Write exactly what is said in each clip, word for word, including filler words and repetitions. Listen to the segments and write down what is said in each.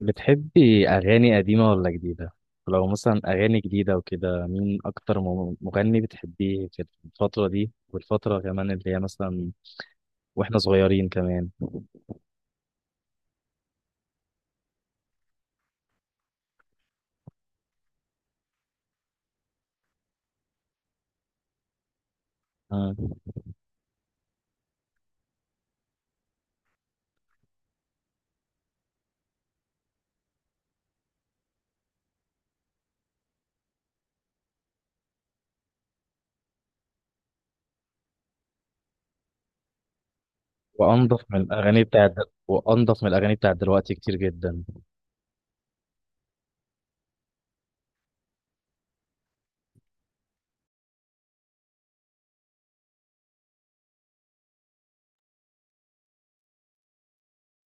بتحبي أغاني قديمة ولا جديدة؟ ولو مثلا أغاني جديدة وكده مين أكتر م- مغني بتحبيه في الفترة دي والفترة كمان اللي هي مثلا، وإحنا صغيرين كمان. آه. وأنضف من الأغاني بتاعت دل- وأنضف من الأغاني بتاعت دلوقتي كتير جدا.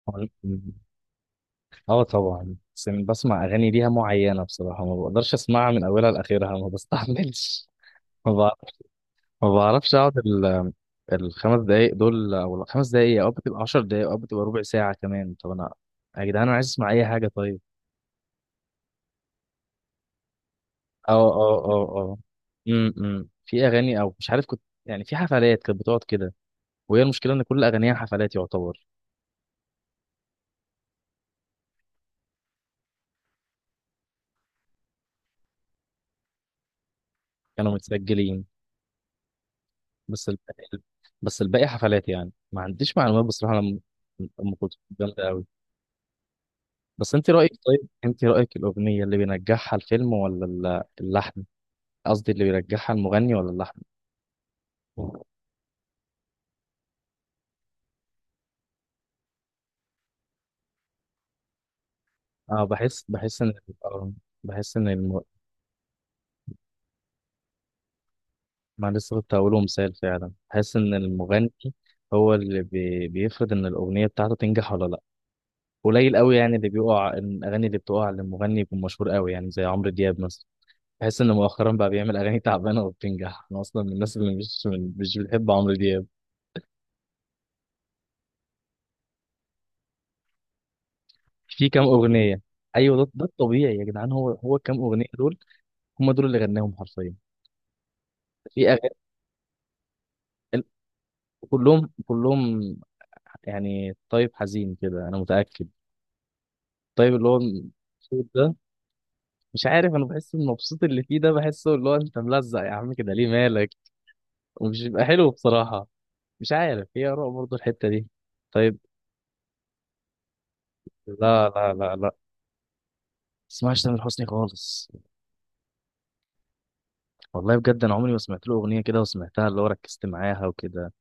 وال- م- آه طبعا، بس أنا بسمع أغاني ليها معينة بصراحة. ما بقدرش أسمعها من أولها لآخرها، ما بستحملش. ما بع- ما بعرفش أقعد الخمس دقايق دول او الخمس دقايق، او بتبقى عشر دقايق، او بتبقى ربع ساعة كمان. طب انا يا جدعان انا عايز اسمع اي حاجة. طيب. اه اه اه اه. امم إمم. في اغاني، او مش عارف، كنت يعني في حفلات كانت بتقعد كده، وهي المشكلة ان كل اغانيها حفلات يعتبر. كانوا متسجلين، بس ال... بس الباقي حفلات. يعني ما عنديش معلومات بصراحة عن ام أم كلثوم، جامدة قوي. بس انت رأيك، طيب انت رأيك، الأغنية اللي بينجحها الفيلم ولا ال- اللحن؟ قصدي اللي بينجحها المغني ولا اللحن؟ اه، بحس بحس ان، آه، بحس ان الم... ما لسه كنت هقوله، مثال، فعلا بحس ان المغني هو اللي بي... بيفرض ان الاغنيه بتاعته تنجح ولا لا. قليل قوي يعني اللي بيقع، الاغاني اللي بتقع للمغني يكون مشهور قوي، يعني زي عمرو دياب مثلا. بحس ان مؤخرا بقى بيعمل اغاني تعبانه وبتنجح، انا اصلا من الناس اللي مش من... مش بتحب عمرو دياب. في كام اغنيه. ايوه، ده ده الطبيعي يا جدعان، هو هو الكام اغنيه دول هم دول اللي غناهم حرفيا. في أغاني كلهم كلهم، يعني طيب حزين كده انا متاكد. طيب اللي هو المبسوط ده، مش عارف، انا بحس المبسوط اللي فيه ده بحسه اللي هو انت ملزق يا عم، كده ليه مالك؟ ومش بيبقى حلو بصراحه. مش عارف، هي اراء برضه الحته دي. طيب. لا لا لا لا، اسمعش تامر حسني خالص. والله بجد، انا عمري ما سمعت له اغنيه كده وسمعتها، اللي هو ركزت معاها وكده،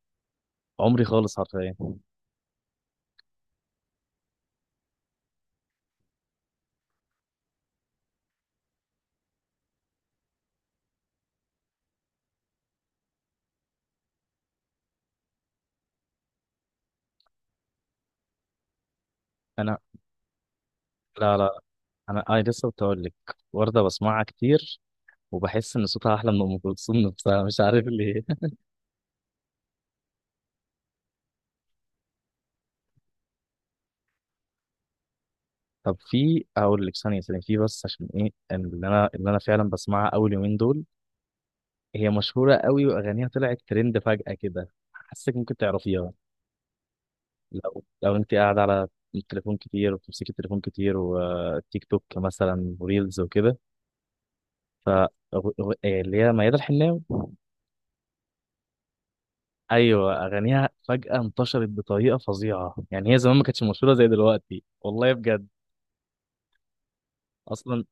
عمري خالص حرفيا. انا، لا لا، انا اي لسه بتقول لك، ورده بسمعها كتير، وبحس ان صوتها احلى من ام كلثوم نفسها، مش عارف ليه. طب في، اقول لك، ثانيه ثانيه، في بس عشان ايه، اللي انا اللي انا فعلا بسمعها اول يومين دول، هي مشهوره قوي واغانيها طلعت ترند فجاه كده، حاسك ممكن تعرفيها لو لو انت قاعده على التليفون كتير، وبتمسكي التليفون كتير، وتيك توك مثلا وريلز وكده. ف أغ- أغ- إيه، اللي هي ميادة الحناوي. ايوه، اغانيها فجاه انتشرت بطريقه فظيعه، يعني هي زمان ما كانتش مشهوره زي دلوقتي، والله بجد، اصلا.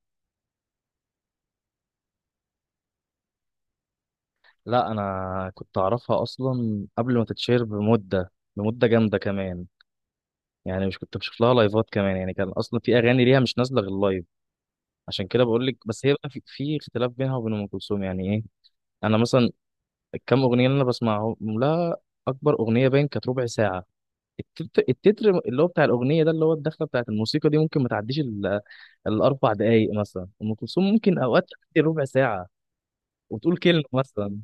لا انا كنت اعرفها اصلا قبل ما تتشهر بمده، بمده جامده كمان. يعني مش كنت بشوف لها لايفات كمان، يعني كان اصلا في اغاني ليها مش نازله غير لايف. عشان كده بقول لك. بس هي بقى في, في اختلاف بينها وبين ام كلثوم يعني. ايه، انا مثلا، الكام اغنيه اللي انا بسمعهم لها، اكبر اغنيه باين كانت ربع ساعه. التتر, التتر اللي هو بتاع الاغنيه ده، اللي هو الدخله بتاعت الموسيقى دي، ممكن ما تعديش ال- الاربع دقائق مثلا. ام كلثوم ممكن اوقات تعدي ربع ساعه وتقول كلمه مثلا.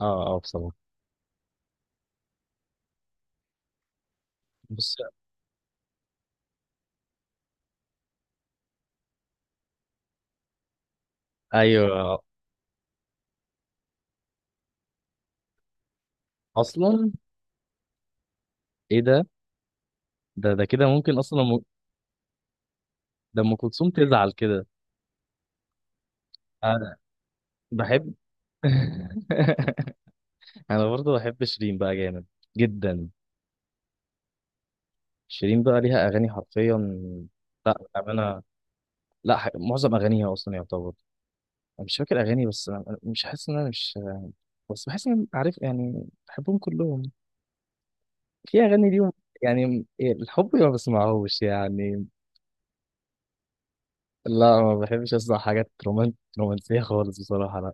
اه اه، بصراحه. بص، ايوه، اصلا، ايه ده ده ده كده ممكن اصلا م... ده ام كلثوم تزعل كده. انا بحب. انا برضه بحب شيرين بقى، جامد جدا. شيرين بقى ليها اغاني حرفيا. لا انا، لا ح... معظم اغانيها اصلا يعتبر. أنا مش فاكر اغاني، بس انا أنا مش حاسس ان انا مش، بس بحس ان انا عارف يعني بحبهم كلهم، في اغاني ليهم. يعني إيه، الحب ما بسمعهوش يعني. لا، ما بحبش اسمع حاجات رومان... رومانسيه خالص بصراحه، لا.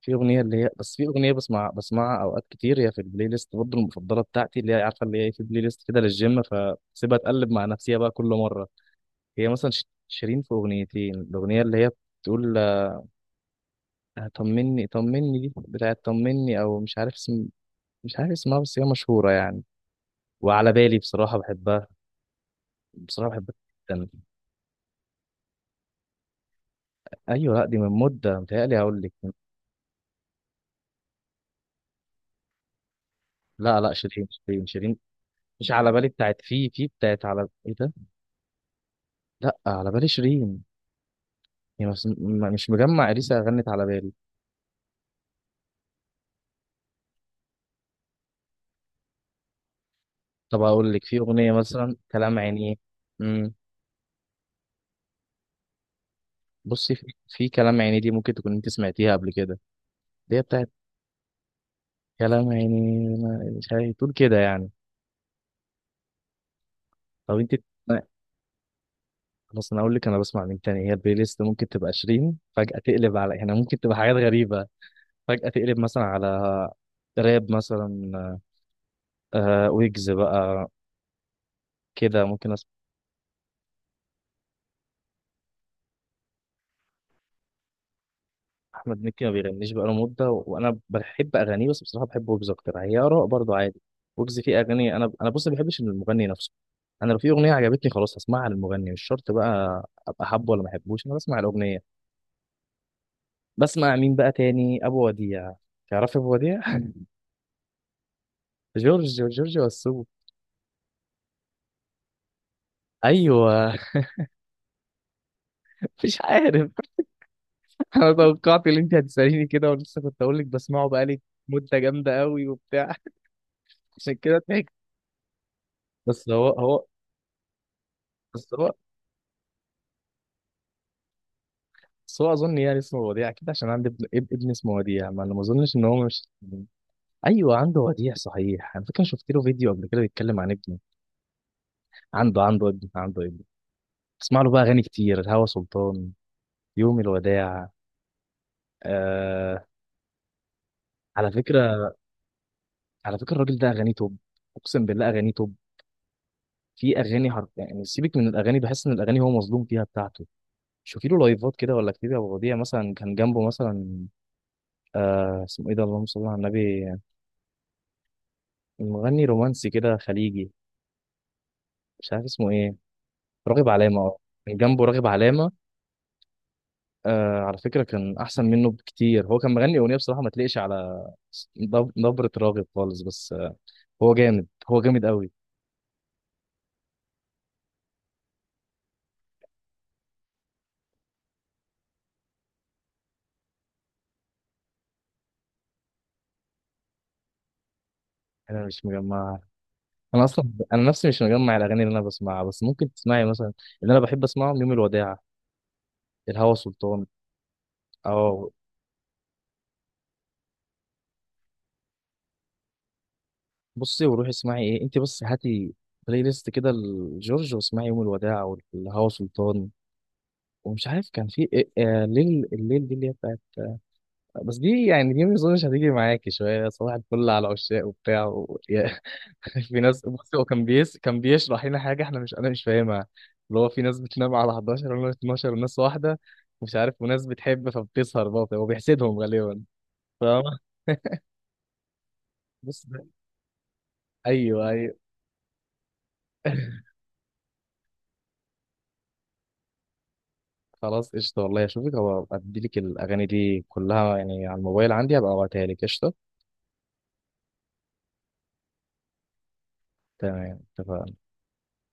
في اغنيه اللي هي، بس في اغنيه بسمع بسمعها اوقات كتير، هي في البلاي ليست برضه المفضله بتاعتي، اللي هي عارفه اللي هي في بلاي ليست كده للجيم، فسيبها تقلب مع نفسيها بقى كل مره. هي مثلا، ش- شيرين في اغنيتين، الاغنيه اللي هي بتقول، آه، طمني، طمني دي بتاعت طمني او مش عارف اسم، مش عارف اسمها بس هي مشهوره يعني. وعلى بالي بصراحه بحبها، بصراحه بحبها جدا. ايوه، لا دي من مده متهيألي، هقول لك. لا لا، شيرين، شيرين، شيرين. مش على بالي بتاعت، في في بتاعت، على، ايه ده، لا على بالي شيرين. يعني بس، م- مش مجمع اليسا غنت على بالي. طب اقول لك في اغنيه مثلا كلام عينيه. امم، بصي، في, في كلام عينيه دي ممكن تكون انت سمعتيها قبل كده. دي بتاعت كلام عينيه، ما- مش عارف تقول كده يعني. طب انت ما- خلاص، انا اقول لك انا بسمع مين تاني. هي البلاي ليست ممكن تبقى عشرين فجاه تقلب على، يعني ممكن تبقى حاجات غريبه، فجاه تقلب مثلا على راب مثلا، آه ويجز بقى كده ممكن. احمد مكي ما بيغنيش بقاله مده، وانا بحب اغانيه بس بصراحه بحب ويجز اكتر، هي اراء برضه عادي. ويجز فيه اغاني. انا انا بص، ما بحبش المغني نفسه. انا لو في اغنيه عجبتني خلاص هسمعها للمغني، مش شرط بقى ابقى حابه ولا ما احبوش، انا بسمع الاغنيه. بسمع مين بقى تاني؟ ابو وديع. تعرف ابو وديع؟ جورج، جورج وسوف. ايوه. مش عارف، انا توقعت ان انت هتساليني كده ولسه كنت اقول لك بسمعه بقالي مده جامده قوي وبتاع. عشان كده ضحكت. بس هو هو بس هو بس هو اظن يعني اسمه وديع كده، عشان عندي ابن اب- ابن اسمه وديع. ما انا ما اظنش ان هو مش، ايوه عنده وديع صحيح، انا فاكر شفت له فيديو قبل كده بيتكلم عن ابنه، عنده عنده ابن عنده ابن. بسمع له بقى اغاني كتير، الهوى سلطان، يوم الوداع، آه. على فكره على فكره الراجل ده اغانيه توب، اقسم بالله اغانيه توب. في اغاني حرف يعني، سيبك من الاغاني، بحس ان الاغاني هو مظلوم فيها بتاعته. شوفي له لايفات كده، ولا كتير يا ابو وديع مثلا كان جنبه مثلا، آه اسمه ايه ده، اللهم صل على النبي، المغني رومانسي كده خليجي، مش عارف اسمه ايه، راغب علامه، اه. كان جنبه راغب علامه، آه. على فكره كان احسن منه بكتير، هو كان مغني اغنيه بصراحه ما تليقش على نب- نبره راغب خالص، بس آه، هو جامد هو جامد قوي. انا مش مجمعها. انا اصلا انا نفسي مش مجمع الاغاني اللي انا بسمعها، بس ممكن تسمعي مثلا اللي انا بحب اسمعهم، يوم الوداع، الهوى سلطان، اه. بصي وروحي اسمعي، ايه انت، بس هاتي بلاي ليست كده لجورج واسمعي يوم الوداع والهوى سلطان، ومش عارف كان في إيه- آه، الليل، الليل دي اللي هي بتاعت، بس دي يعني، دي ما اظنش هتيجي معاكي شويه، صباح الفل على عشاق وبتاع و... يا- في ناس، بص، هو كان بيس... كان بيشرح لنا حاجه احنا مش، انا مش فاهمها، اللي هو في ناس بتنام على حداشر ولا اتناشر، وناس واحده مش عارف، وناس بتحب فبتسهر، برضه هو بيحسدهم غالبا. فاهمة؟ بص ده، ايوه ايوه. خلاص قشطه، والله اشوفك هبقى اديلك الاغاني دي كلها، يعني على الموبايل عندي هبقى ابعتها لك. قشطه. تمام اتفقنا.